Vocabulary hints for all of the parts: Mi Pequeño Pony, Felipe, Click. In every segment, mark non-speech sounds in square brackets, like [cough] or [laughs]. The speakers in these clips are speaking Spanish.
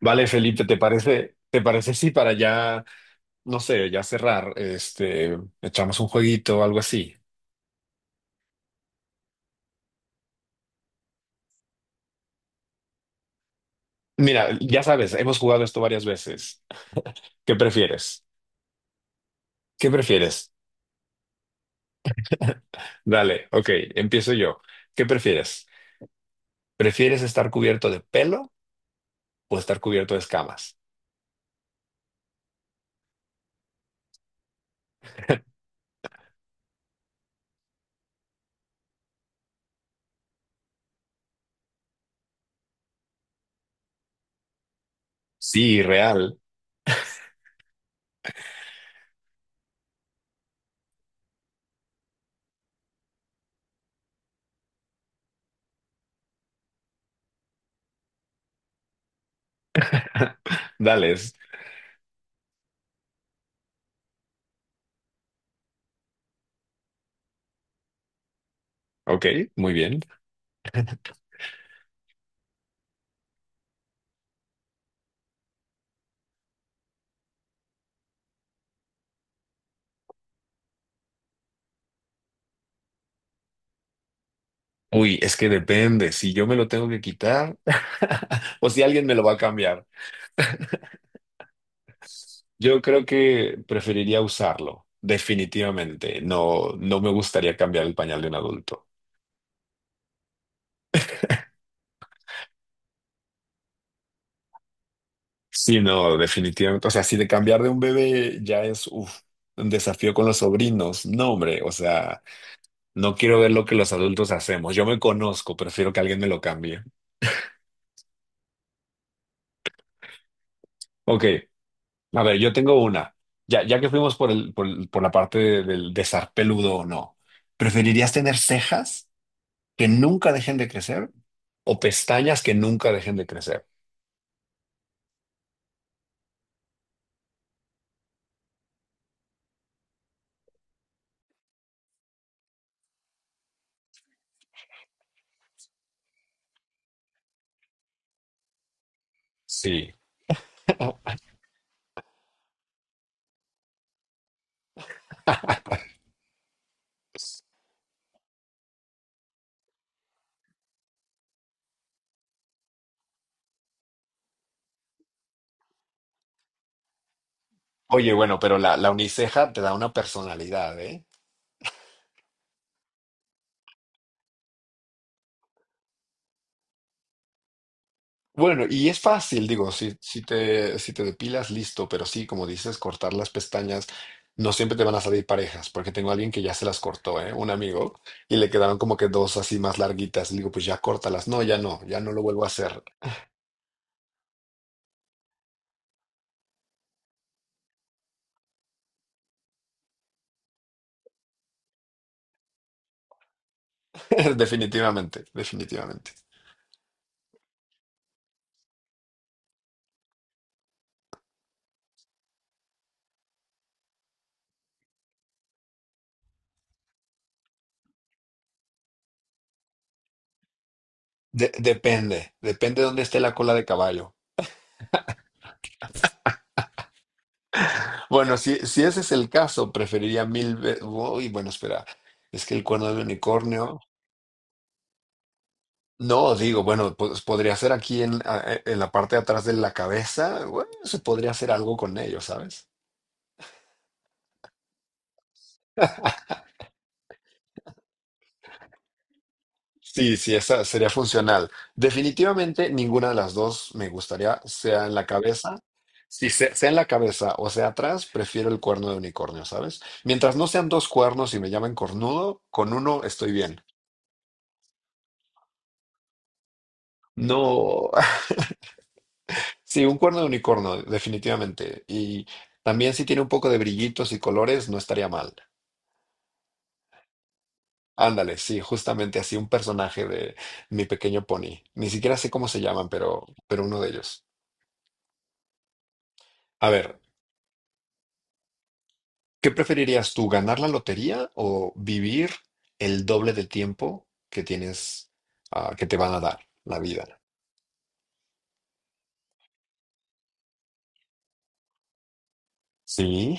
Vale, Felipe, ¿te parece si para ya, no sé, ya cerrar, este, echamos un jueguito o algo así? Mira, ya sabes, hemos jugado esto varias veces. ¿Qué prefieres? ¿Qué prefieres? Dale, ok, empiezo yo. ¿Qué prefieres? ¿Prefieres estar cubierto de pelo o estar cubierto de escamas? Sí, real. [laughs] Dale, ok, muy bien. Uy, es que depende, si yo me lo tengo que quitar [laughs] o si alguien me lo va a cambiar. Yo creo que preferiría usarlo, definitivamente. No, no me gustaría cambiar el pañal de un adulto. Sí, no, definitivamente. O sea, si de cambiar de un bebé ya es uf, un desafío con los sobrinos, no, hombre. O sea, no quiero ver lo que los adultos hacemos. Yo me conozco, prefiero que alguien me lo cambie. Ok, a ver, yo tengo una. Ya que fuimos por la parte de- del de estar peludo o no, ¿preferirías tener cejas que nunca dejen de crecer o pestañas que nunca dejen de crecer? Sí. [laughs] Oye, bueno, pero la uniceja te da una personalidad, ¿eh? Bueno, y es fácil, digo, si te depilas, listo, pero sí, como dices, cortar las pestañas, no siempre te van a salir parejas, porque tengo a alguien que ya se las cortó, ¿eh? Un amigo, y le quedaron como que dos así más larguitas. Le digo, pues ya córtalas. No, ya no, ya no lo vuelvo a hacer. [laughs] Definitivamente, definitivamente. Depende, depende de dónde esté la cola de caballo. Bueno, si ese es el caso, preferiría mil veces. Uy, bueno, espera. Es que el cuerno de unicornio. No, digo, bueno, pues podría ser aquí en la parte de atrás de la cabeza. Bueno, se podría hacer algo con ello, ¿sabes? Sí, sí, esa sería funcional. Definitivamente ninguna de las dos me gustaría, sea en la cabeza. Si se- sea en la cabeza o sea atrás, prefiero el cuerno de unicornio, ¿sabes? Mientras no sean dos cuernos y me llamen cornudo, con uno estoy bien. No. Sí, un cuerno de unicornio, definitivamente. Y también si tiene un poco de brillitos y colores, no estaría mal. Ándale, sí, justamente así un personaje de Mi Pequeño Pony. Ni siquiera sé cómo se llaman, pero uno de ellos. A ver, ¿qué preferirías tú, ganar la lotería o vivir el doble de tiempo que tienes, ah, que te van a dar la vida? Sí,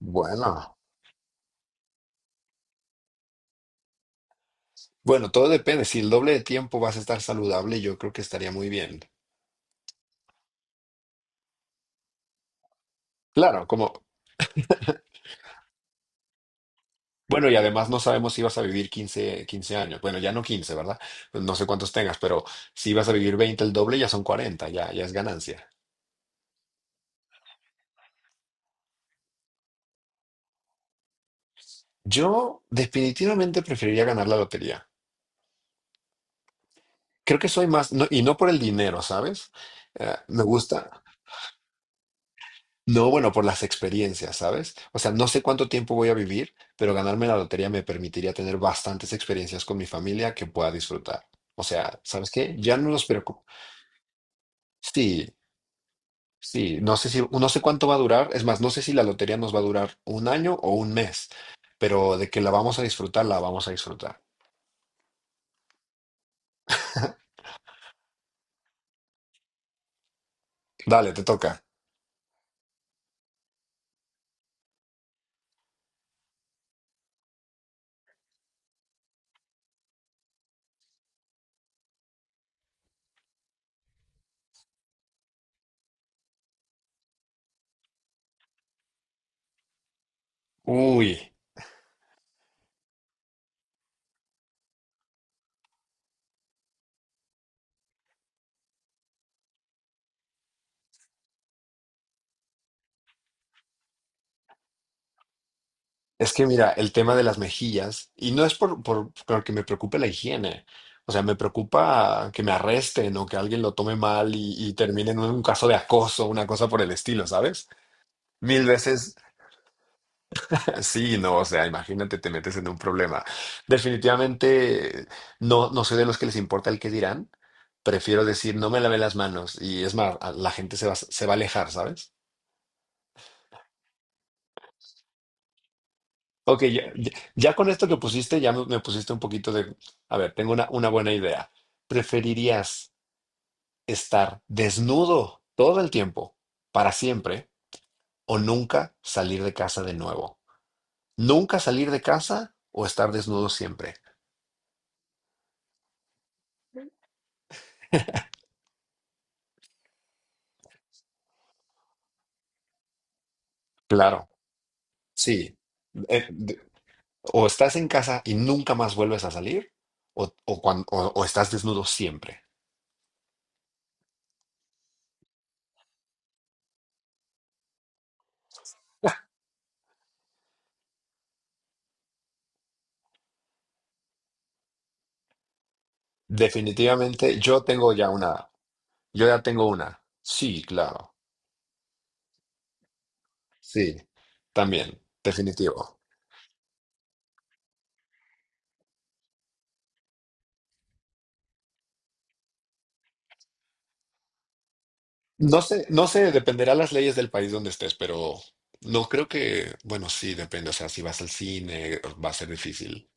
bueno. Bueno, todo depende. Si el doble de tiempo vas a estar saludable, yo creo que estaría muy bien. Claro, bueno, y además no sabemos si vas a vivir quince años. Bueno, ya no 15, ¿verdad? Pues no sé cuántos tengas, pero si vas a vivir 20, el doble ya son 40, ya, ya es ganancia. Yo definitivamente preferiría ganar la lotería. Creo que soy más, y no por el dinero, ¿sabes? Me gusta, no, bueno, por las experiencias, ¿sabes? O sea, no sé cuánto tiempo voy a vivir, pero ganarme la lotería me permitiría tener bastantes experiencias con mi familia que pueda disfrutar. O sea, ¿sabes qué? Ya no nos preocupa. Sí, sí, no sé cuánto va a durar, es más, no sé si la lotería nos va a durar un año o un mes, pero de que la vamos a disfrutar, la vamos a disfrutar. [laughs] Dale, te toca. Uy, es que mira, el tema de las mejillas, y no es por que me preocupe la higiene, o sea, me preocupa que me arresten o que alguien lo tome mal y termine en un caso de acoso, una cosa por el estilo, ¿sabes? Mil veces. Sí, no, o sea, imagínate, te metes en un problema. Definitivamente no, no soy de los que les importa el qué dirán. Prefiero decir, no me lavé las manos y es más, la gente se va a alejar, ¿sabes? Ok, ya con esto que pusiste, ya me pusiste un poquito de, a ver, tengo una, buena idea. ¿Preferirías estar desnudo todo el tiempo, para siempre, o nunca salir de casa de nuevo? ¿Nunca salir de casa o estar desnudo siempre? Claro, sí. O estás en casa y nunca más vuelves a salir, o estás desnudo siempre. Definitivamente, yo tengo ya una. Yo ya tengo una. Sí, claro. Sí, también. Definitivo. No sé, dependerá las leyes del país donde estés, pero no creo que, bueno, sí, depende. O sea, si vas al cine, va a ser difícil.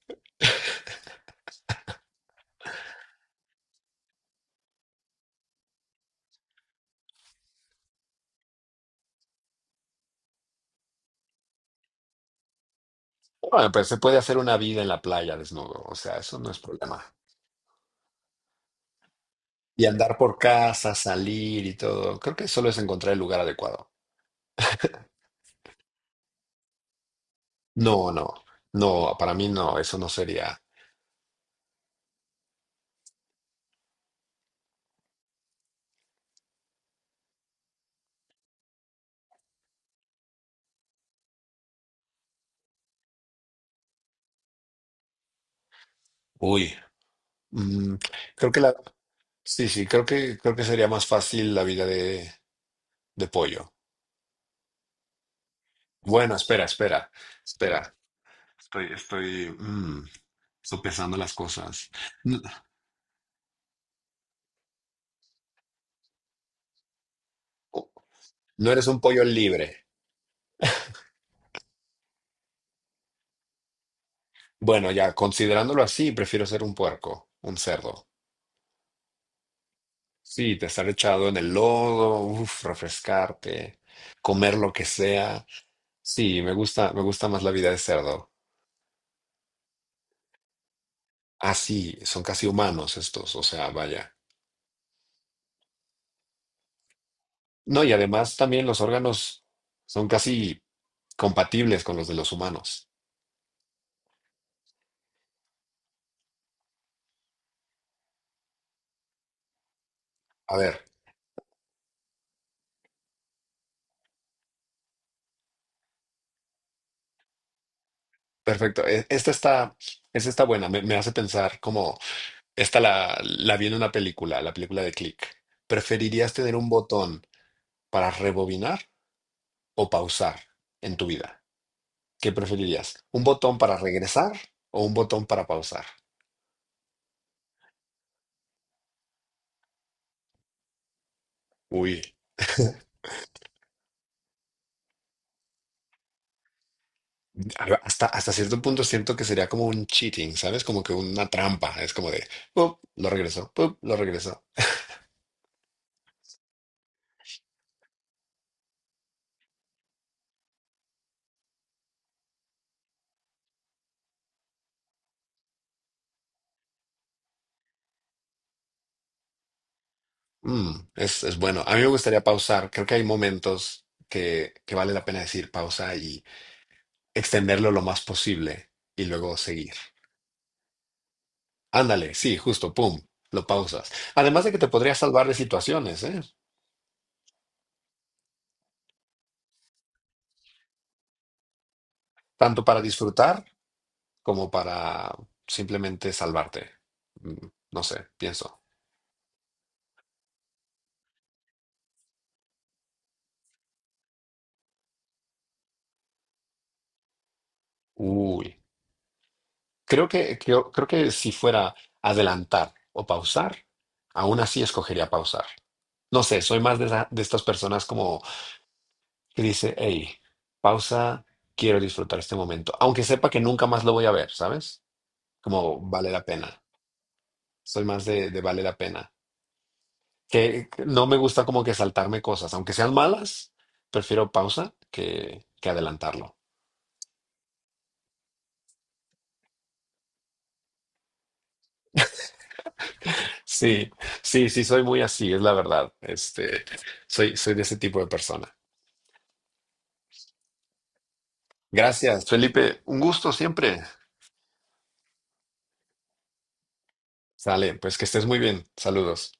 Bueno, pero se puede hacer una vida en la playa desnudo. O sea, eso no es problema. Y andar por casa, salir y todo. Creo que solo es encontrar el lugar adecuado. No, no, no, para mí no, eso no sería. Uy, mm, creo que la, sí, sí, creo que sería más fácil la vida de pollo. Bueno, espera, espera, espera. Estoy, estoy, mm, Estoy pensando las cosas. N- No eres un pollo libre. Bueno, ya considerándolo así, prefiero ser un puerco, un cerdo. Sí, te estar echado en el lodo, uf, refrescarte, comer lo que sea. Sí, me gusta más la vida de cerdo. Así, son casi humanos estos, o sea, vaya. No, y además también los órganos son casi compatibles con los de los humanos. A ver, perfecto. Esta está, buena, me hace pensar como, esta la vi en una película, la película de Click. ¿Preferirías tener un botón para rebobinar o pausar en tu vida? ¿Qué preferirías? ¿Un botón para regresar o un botón para pausar? Uy. Hasta cierto punto siento que sería como un cheating, ¿sabes? Como que una trampa. Es como de, "Pup, lo regreso, pup, lo regreso." Mm, es bueno. A mí me gustaría pausar. Creo que hay momentos que vale la pena decir pausa y extenderlo lo más posible y luego seguir. Ándale, sí, justo, pum, lo pausas. Además de que te podría salvar de situaciones, ¿eh? Tanto para disfrutar como para simplemente salvarte. No sé, pienso. Uy. Creo que si fuera adelantar o pausar, aún así escogería pausar. No sé, soy más de estas personas como que dice, hey, pausa, quiero disfrutar este momento, aunque sepa que nunca más lo voy a ver, ¿sabes? Como vale la pena. Soy más de, vale la pena. Que no me gusta como que saltarme cosas, aunque sean malas, prefiero pausa que adelantarlo. [laughs] Sí, sí, sí, soy muy así, es la verdad. Este, soy de ese tipo de persona. Gracias, Felipe. Un gusto siempre. Sale, pues que estés muy bien. Saludos.